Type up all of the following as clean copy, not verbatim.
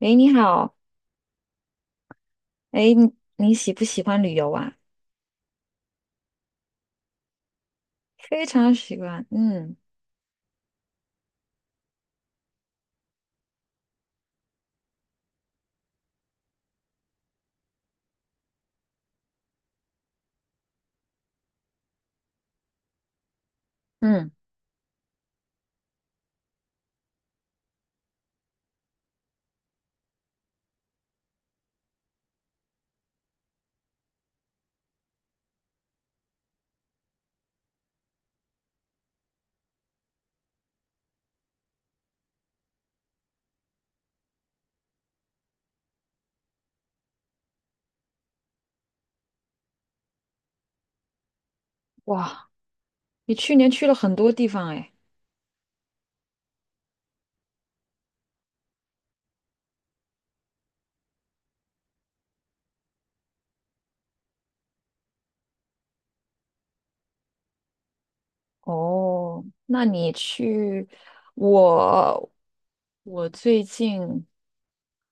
诶，你好。诶，你喜不喜欢旅游啊？非常喜欢，嗯嗯。哇，你去年去了很多地方诶。哦，那你去我我最近，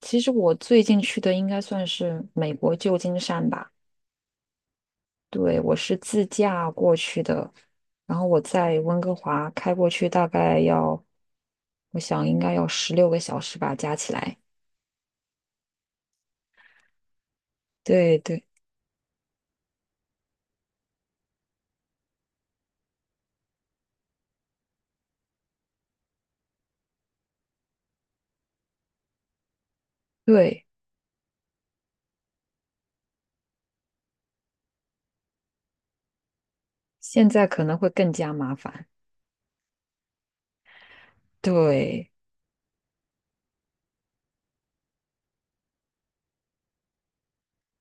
其实我最近去的应该算是美国旧金山吧。对，我是自驾过去的，然后我在温哥华开过去，大概要，我想应该要16个小时吧，加起来。对对对。现在可能会更加麻烦。对，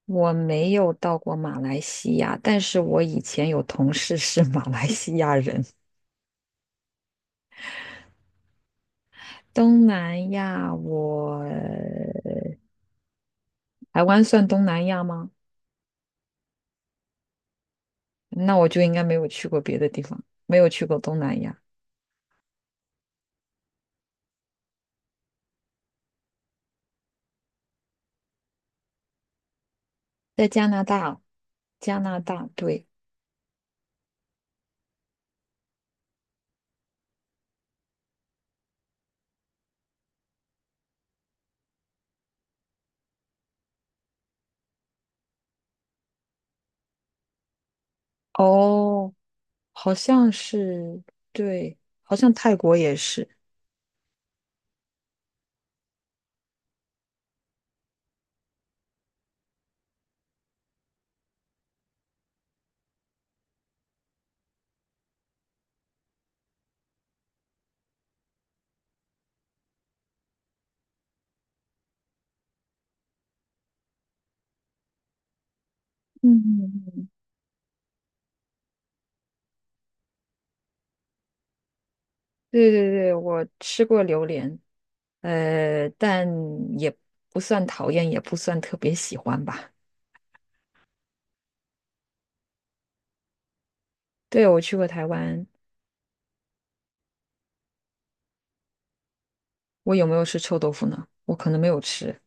我没有到过马来西亚，但是我以前有同事是 马来西亚人。东南亚我，台湾算东南亚吗？那我就应该没有去过别的地方，没有去过东南亚。在加拿大，加拿大，对。哦，好像是，对，好像泰国也是。嗯，对对对，我吃过榴莲，但也不算讨厌，也不算特别喜欢吧。对，我去过台湾。我有没有吃臭豆腐呢？我可能没有吃。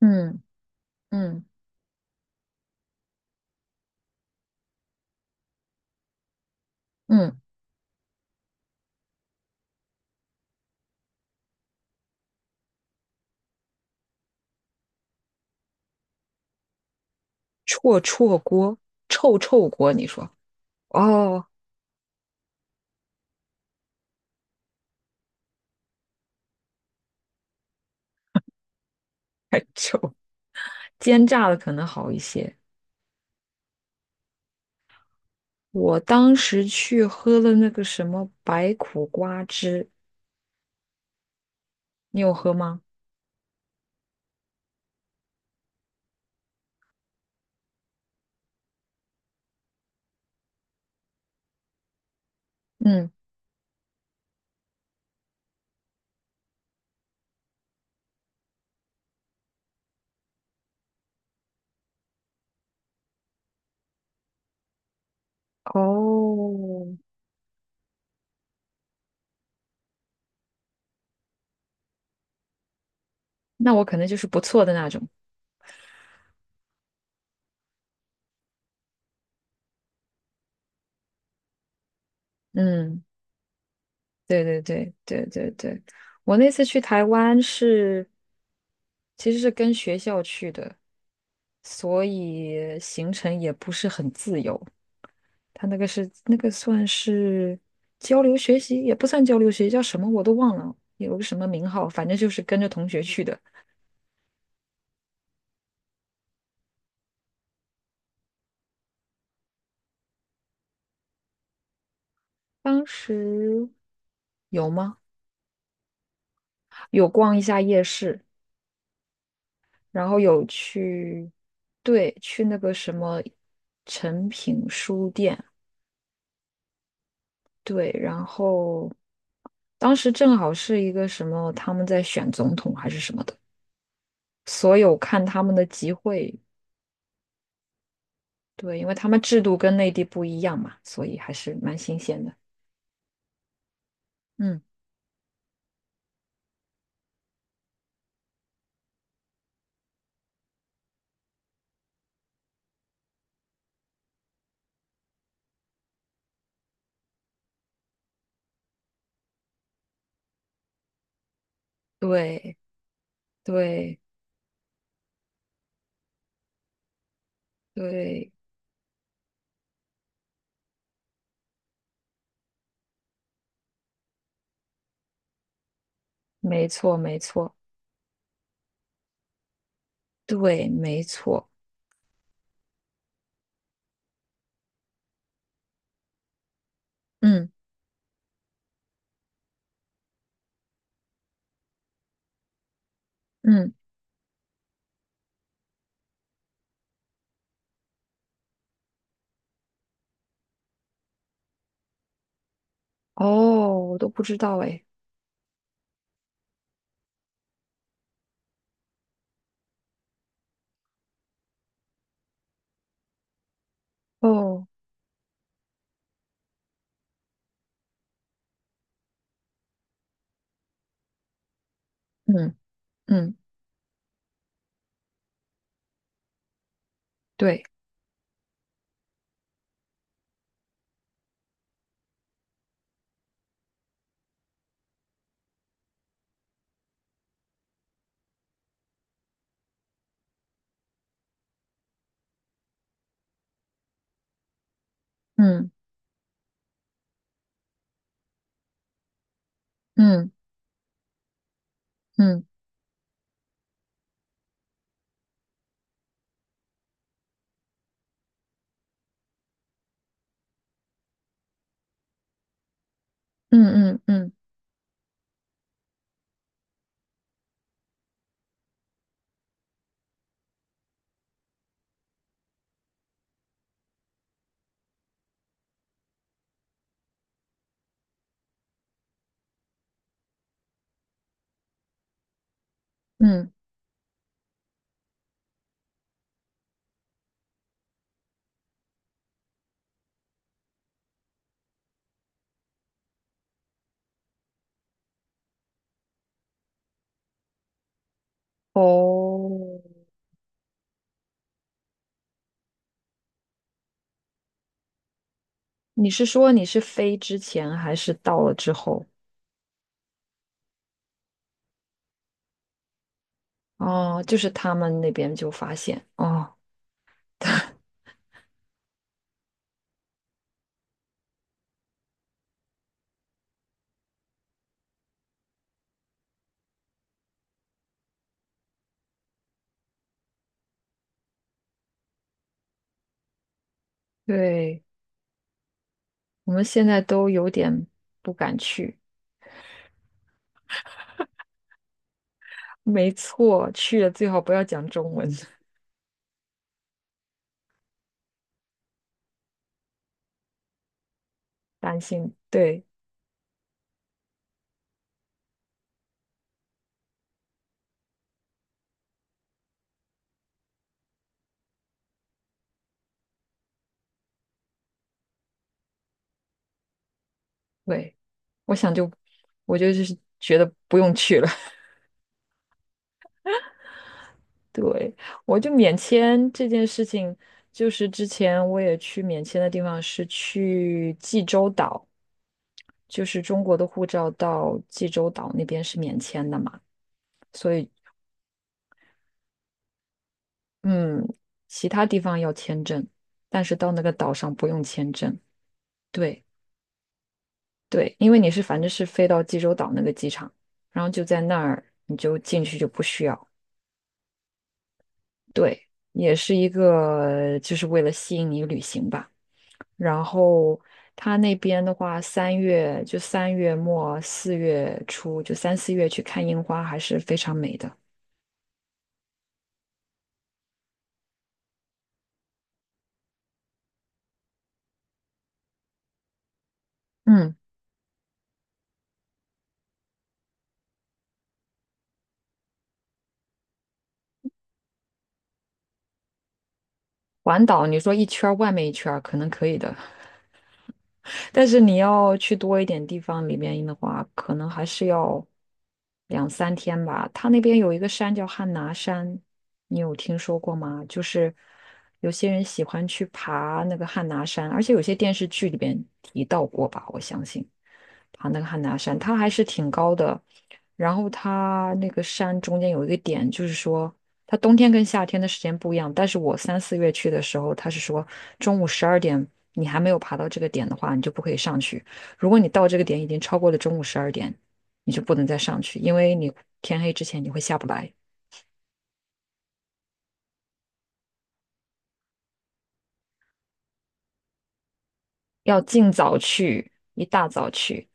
嗯嗯嗯，臭臭锅，臭臭锅，你说。哦，还臭，煎炸的可能好一些。我当时去喝了那个什么白苦瓜汁，你有喝吗？嗯。哦，那我可能就是不错的那种。嗯。对对对对对对，我那次去台湾是其实是跟学校去的，所以行程也不是很自由。他那个是那个算是交流学习，也不算交流学习，叫什么我都忘了，有个什么名号，反正就是跟着同学去的。当时有吗？有逛一下夜市，然后有去，对，去那个什么诚品书店。对，然后当时正好是一个什么，他们在选总统还是什么的，所有看他们的集会，对，因为他们制度跟内地不一样嘛，所以还是蛮新鲜的。嗯，对对对，没错没错，对没错，嗯嗯，哦，我都不知道哎，哦，嗯嗯，对，嗯嗯嗯嗯嗯嗯嗯，哦。你是说你是飞之前还是到了之后？哦，就是他们那边就发现哦，对，我们现在都有点不敢去。没错，去了最好不要讲中文，担心。对对，我想就我就就是觉得不用去了。对，我就免签这件事情，就是之前我也去免签的地方是去济州岛，就是中国的护照到济州岛那边是免签的嘛，所以嗯，其他地方要签证，但是到那个岛上不用签证。对对，因为反正是飞到济州岛那个机场，然后就在那儿你就进去就不需要。对，也是一个就是为了吸引你旅行吧。然后他那边的话，三月末4月初，就三四月去看樱花还是非常美的。嗯，环岛你说一圈儿外面一圈儿可能可以的，但是你要去多一点地方里面的话，可能还是要两三天吧。它那边有一个山叫汉拿山，你有听说过吗？就是有些人喜欢去爬那个汉拿山，而且有些电视剧里边提到过吧，我相信爬那个汉拿山，它还是挺高的。然后它那个山中间有一个点，就是说。它冬天跟夏天的时间不一样，但是我三四月去的时候，他是说中午十二点你还没有爬到这个点的话，你就不可以上去。如果你到这个点已经超过了中午十二点，你就不能再上去，因为你天黑之前你会下不来。要尽早去，一大早去。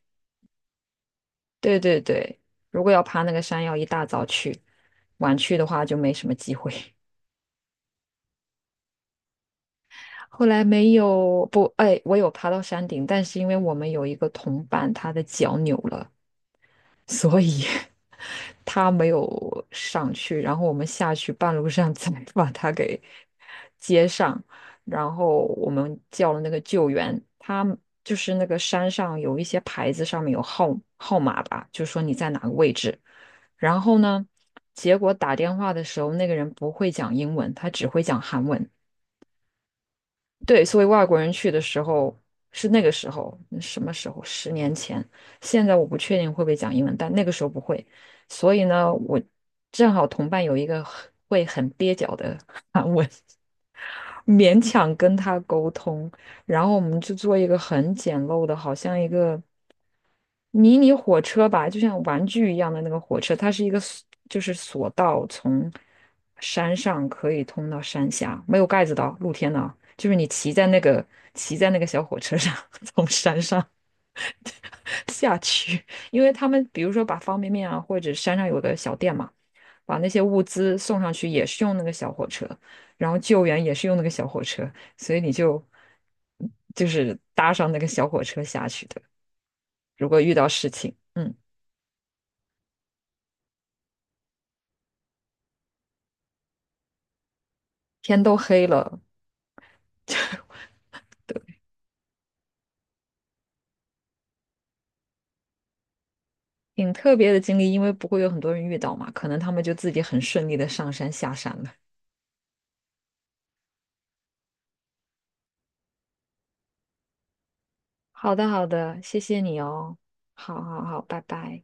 对对对，如果要爬那个山，要一大早去，晚去的话就没什么机会。后来没有，不，哎，我有爬到山顶，但是因为我们有一个同伴，他的脚扭了，所以他没有上去，然后我们下去半路上 再把他给接上，然后我们叫了那个救援，他就是那个山上有一些牌子上面有号码吧，就说你在哪个位置，然后呢，结果打电话的时候那个人不会讲英文，他只会讲韩文。对，所以外国人去的时候是那个时候，那什么时候？10年前。现在我不确定会不会讲英文，但那个时候不会。所以呢，我正好同伴有一个很蹩脚的，勉强跟他沟通，然后我们就做一个很简陋的，好像一个迷你火车吧，就像玩具一样的那个火车，它是一个 就是索道，从山上可以通到山下，没有盖子的哦露天的哦就是你骑在那个小火车上，从山上 下去，因为他们比如说把方便面啊，或者山上有个小店嘛，把那些物资送上去也是用那个小火车，然后救援也是用那个小火车，所以你就是搭上那个小火车下去的，如果遇到事情。嗯。天都黑了，对，挺特别的经历，因为不会有很多人遇到嘛，可能他们就自己很顺利的上山下山了。好的，好的，谢谢你哦，好好好，拜拜。